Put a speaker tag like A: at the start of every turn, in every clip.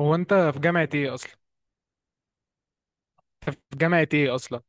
A: هو انت في جامعة ايه اصلا؟ انت في جامعة ايه اصلا؟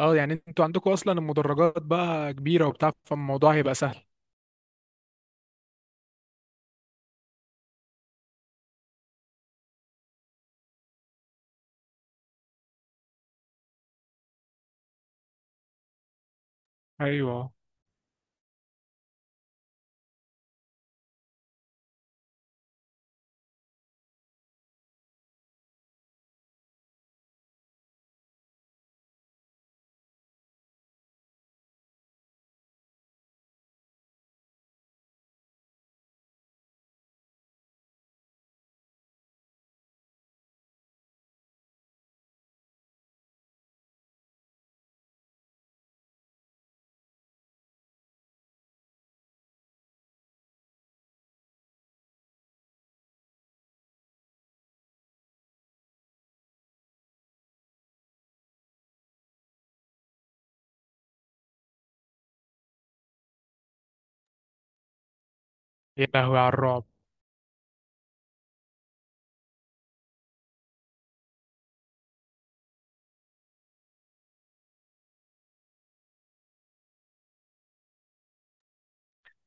A: اه، يعني انتوا عندكم اصلا المدرجات بقى كبيرة وبتاع، فالموضوع هيبقى سهل. ايوه. يا لهوي على الرعب.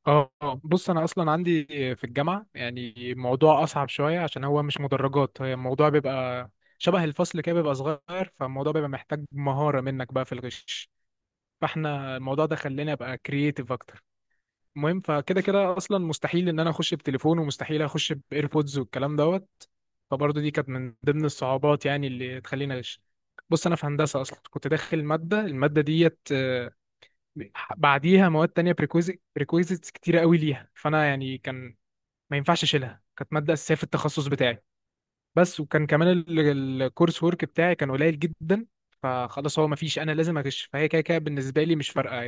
A: اه. بص، انا اصلا عندي في الجامعة يعني الموضوع اصعب شوية، عشان هو مش مدرجات، هي الموضوع بيبقى شبه الفصل كده، بيبقى صغير، فالموضوع بيبقى محتاج مهارة منك بقى في الغش. فاحنا الموضوع ده خلاني ابقى كرييتيف اكتر. المهم، فكده كده اصلا مستحيل ان انا اخش بتليفون، ومستحيل اخش بايربودز والكلام دوت. فبرضه دي كانت من ضمن الصعوبات يعني اللي تخليني اغش. بص، انا في هندسه اصلا كنت داخل ماده، الماده ديت بعديها مواد تانية، بريكويزيتس كتيره قوي ليها، فانا يعني كان ما ينفعش اشيلها، كانت ماده اساسيه في التخصص بتاعي. بس وكان كمان الكورس ورك بتاعي كان قليل جدا. فخلاص، هو مفيش، انا لازم اغش، فهي كده كده بالنسبه لي مش فارقه، يا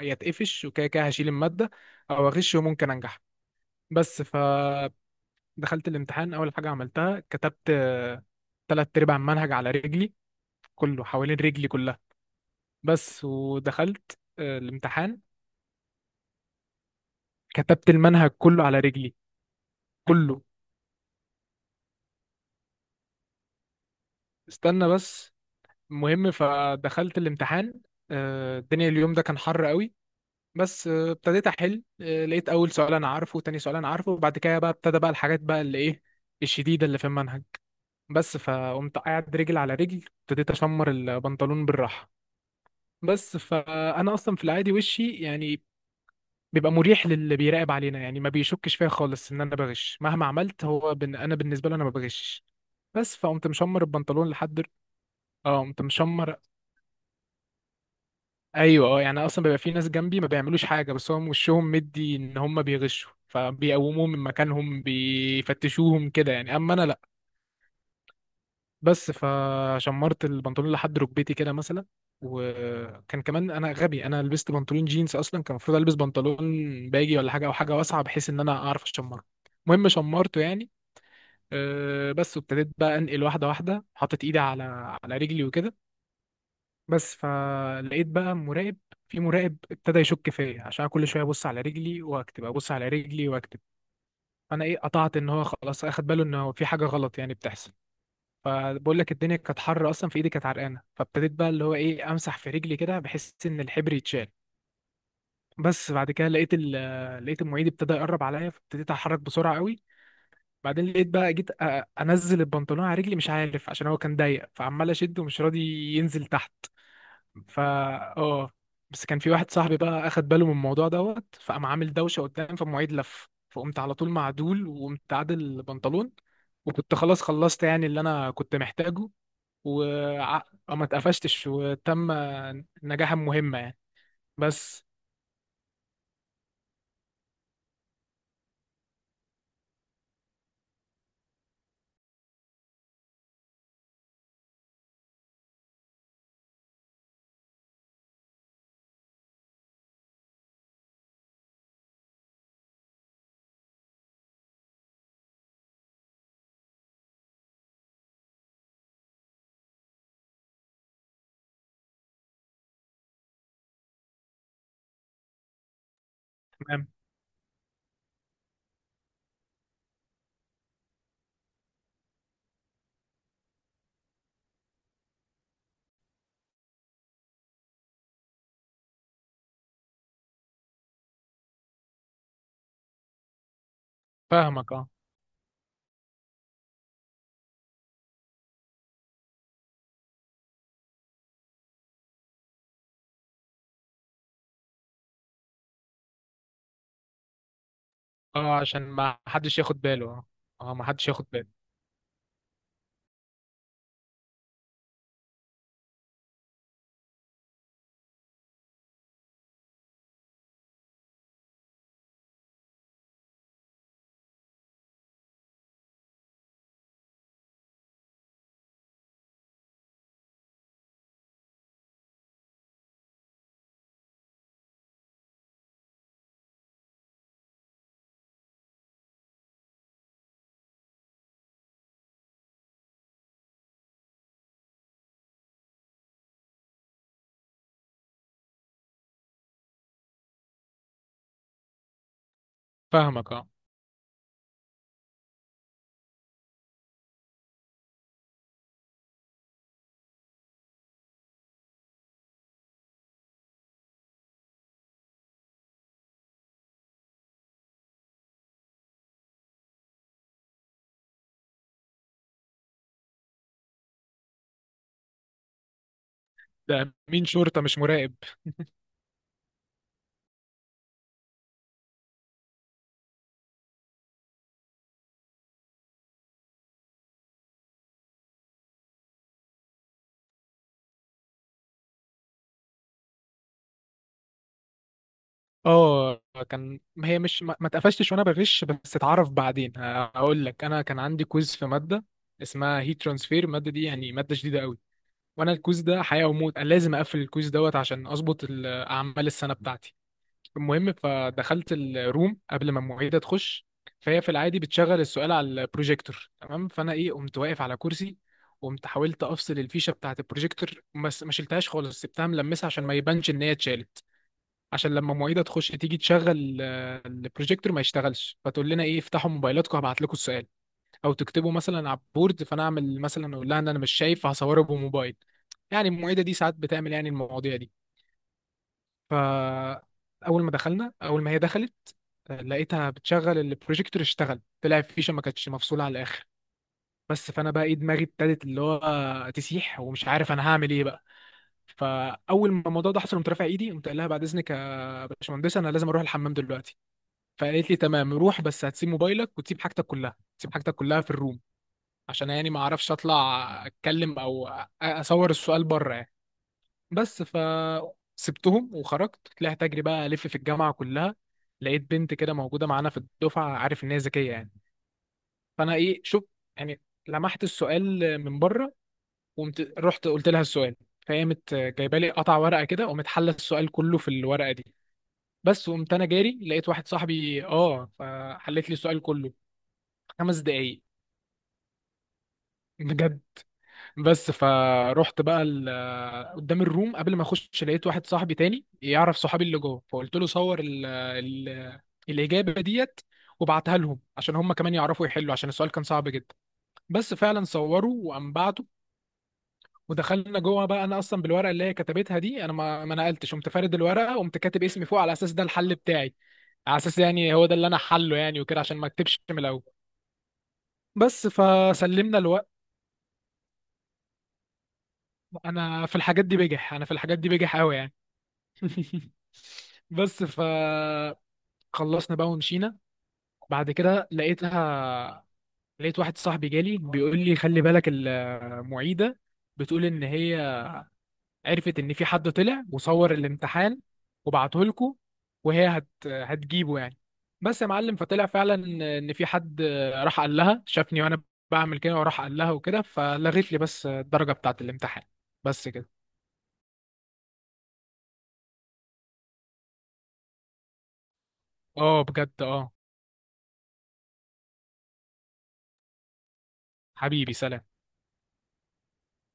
A: يا اتقفش وكده كده هشيل الماده، او اغش وممكن انجح. بس فدخلت الامتحان. اول حاجه عملتها كتبت تلات ارباع المنهج على رجلي، كله حوالين رجلي كلها. بس ودخلت الامتحان. كتبت المنهج كله على رجلي. كله. استنى بس. المهم فدخلت الامتحان. الدنيا اليوم ده كان حر قوي. بس ابتديت احل. لقيت اول سؤال انا عارفه وتاني سؤال انا عارفه، وبعد كده بقى ابتدى بقى الحاجات بقى اللي ايه الشديده اللي في المنهج. بس فقمت قاعد رجل على رجل، ابتديت اشمر البنطلون بالراحه. بس فانا اصلا في العادي وشي يعني بيبقى مريح للي بيراقب علينا، يعني ما بيشكش فيا خالص ان انا بغش مهما عملت، هو انا بالنسبه له انا ما بغشش. بس فقمت مشمر البنطلون لحد. اه، قمت مشمر. ايوه، اه يعني اصلا بيبقى في ناس جنبي ما بيعملوش حاجه، بس هم وشهم مدي ان هم بيغشوا، فبيقوموهم من مكانهم بيفتشوهم كده يعني، اما انا لا. بس فشمرت البنطلون لحد ركبتي كده مثلا. وكان كمان انا غبي، انا لبست بنطلون جينز اصلا، كان المفروض البس بنطلون باجي ولا حاجه، او حاجه واسعه بحيث ان انا اعرف اشمره. المهم شمرته يعني. أه بس وابتديت بقى انقل واحده واحده، حطيت ايدي على على رجلي وكده. بس فلقيت بقى مراقب، في مراقب ابتدى يشك فيا عشان كل شويه ابص على رجلي واكتب، ابص على رجلي واكتب. فانا ايه، قطعت ان هو خلاص اخد باله ان هو في حاجه غلط يعني بتحصل. فبقول لك، الدنيا كانت حر اصلا، في ايدي كانت عرقانه، فابتديت بقى اللي هو ايه امسح في رجلي كده، بحس ان الحبر يتشال. بس بعد كده لقيت لقيت المعيد ابتدى يقرب عليا، فابتديت اتحرك بسرعه قوي. بعدين لقيت بقى جيت انزل البنطلون على رجلي، مش عارف عشان هو كان ضيق، فعمال اشد ومش راضي ينزل تحت. فا، اه، بس كان في واحد صاحبي بقى اخد باله من الموضوع دوت، فقام عامل دوشه قدام، فالمعيد لف، فقمت على طول معدول وقمت عادل البنطلون. وكنت خلاص خلصت يعني اللي انا كنت محتاجه. وما اتقفشتش وتم نجاحا مهمة يعني. بس. تمام. فاهمك. اه. اه، عشان ما حدش ياخد باله. اه. اه، ما حدش ياخد باله. فاهمك. اه. ده مين شرطة مش مراقب؟ اه. كان هي مش ما اتقفشتش وانا بغش، بس اتعرف بعدين هقول لك. انا كان عندي كويز في ماده اسمها هيت ترانسفير، الماده دي يعني ماده شديده قوي، وانا الكويز ده حياه وموت، انا لازم اقفل الكويز دوت عشان اظبط اعمال السنه بتاعتي. المهم فدخلت الروم قبل ما المعيده تخش. فهي في العادي بتشغل السؤال على البروجيكتور، تمام؟ فانا ايه، قمت واقف على كرسي، قمت حاولت افصل الفيشه بتاعت البروجيكتور، بس ما شلتهاش خالص، سبتها ملمسه عشان ما يبانش ان هي اتشالت. عشان لما معيده تخش تيجي تشغل البروجيكتور ما يشتغلش، فتقول لنا ايه، افتحوا موبايلاتكم هبعت لكم السؤال، او تكتبوا مثلا على البورد، فانا اعمل مثلا اقول لها ان انا مش شايف، فهصوره بموبايل يعني. المعيده دي ساعات بتعمل يعني المواضيع دي. فاول ما دخلنا، اول ما هي دخلت لقيتها بتشغل البروجيكتور، اشتغل، طلع الفيشه ما كانتش مفصوله على الاخر. بس فانا بقى ايه دماغي ابتدت اللي هو تسيح، ومش عارف انا هعمل ايه بقى. فاول ما الموضوع ده حصل، قمت رافع ايدي، قمت قايل لها بعد اذنك يا باشمهندسه، انا لازم اروح الحمام دلوقتي. فقالت لي تمام روح، بس هتسيب موبايلك وتسيب حاجتك كلها، تسيب حاجتك كلها في الروم، عشان يعني ما اعرفش اطلع اتكلم او اصور السؤال بره يعني. بس ف سبتهم وخرجت، طلعت اجري بقى الف في الجامعه كلها، لقيت بنت كده موجوده معانا في الدفعه عارف ان هي ذكيه يعني. فانا ايه، شوف يعني لمحت السؤال من بره، وقمت رحت قلت لها السؤال. فهي مت جايبه لي قطع ورقه كده، وقامت حله السؤال كله في الورقه دي. بس وقمت انا جاري، لقيت واحد صاحبي اه، فحلت لي السؤال كله. 5 دقايق. بجد. بس فروحت بقى قدام الروم قبل ما اخش، لقيت واحد صاحبي تاني يعرف صحابي اللي جوه، فقلت له صور ال الاجابه ديت وبعتها لهم عشان هم كمان يعرفوا يحلوا، عشان السؤال كان صعب جدا. بس فعلا صوروا وقام بعته. ودخلنا جوه بقى، انا اصلا بالورقه اللي هي كتبتها دي انا ما نقلتش، قمت فارد الورقه وقمت كاتب اسمي فوق على اساس ده الحل بتاعي، على اساس يعني هو ده اللي انا حله يعني وكده، عشان ما اكتبش من الاول. بس فسلمنا. انا في الحاجات دي بجح، انا في الحاجات دي بجح قوي يعني. بس ف خلصنا بقى ومشينا. بعد كده لقيتها، لقيت واحد صاحبي جالي بيقول لي خلي بالك، المعيدة بتقول ان هي عرفت ان في حد طلع وصور الامتحان وبعته لكم، وهي هتجيبه يعني. بس يا معلم، فطلع فعلا ان في حد راح قال لها شافني وانا بعمل كده، وراح قال لها وكده، فلغيت لي بس الدرجة بتاعت الامتحان. بس كده. اه بجد، اه. حبيبي سلام.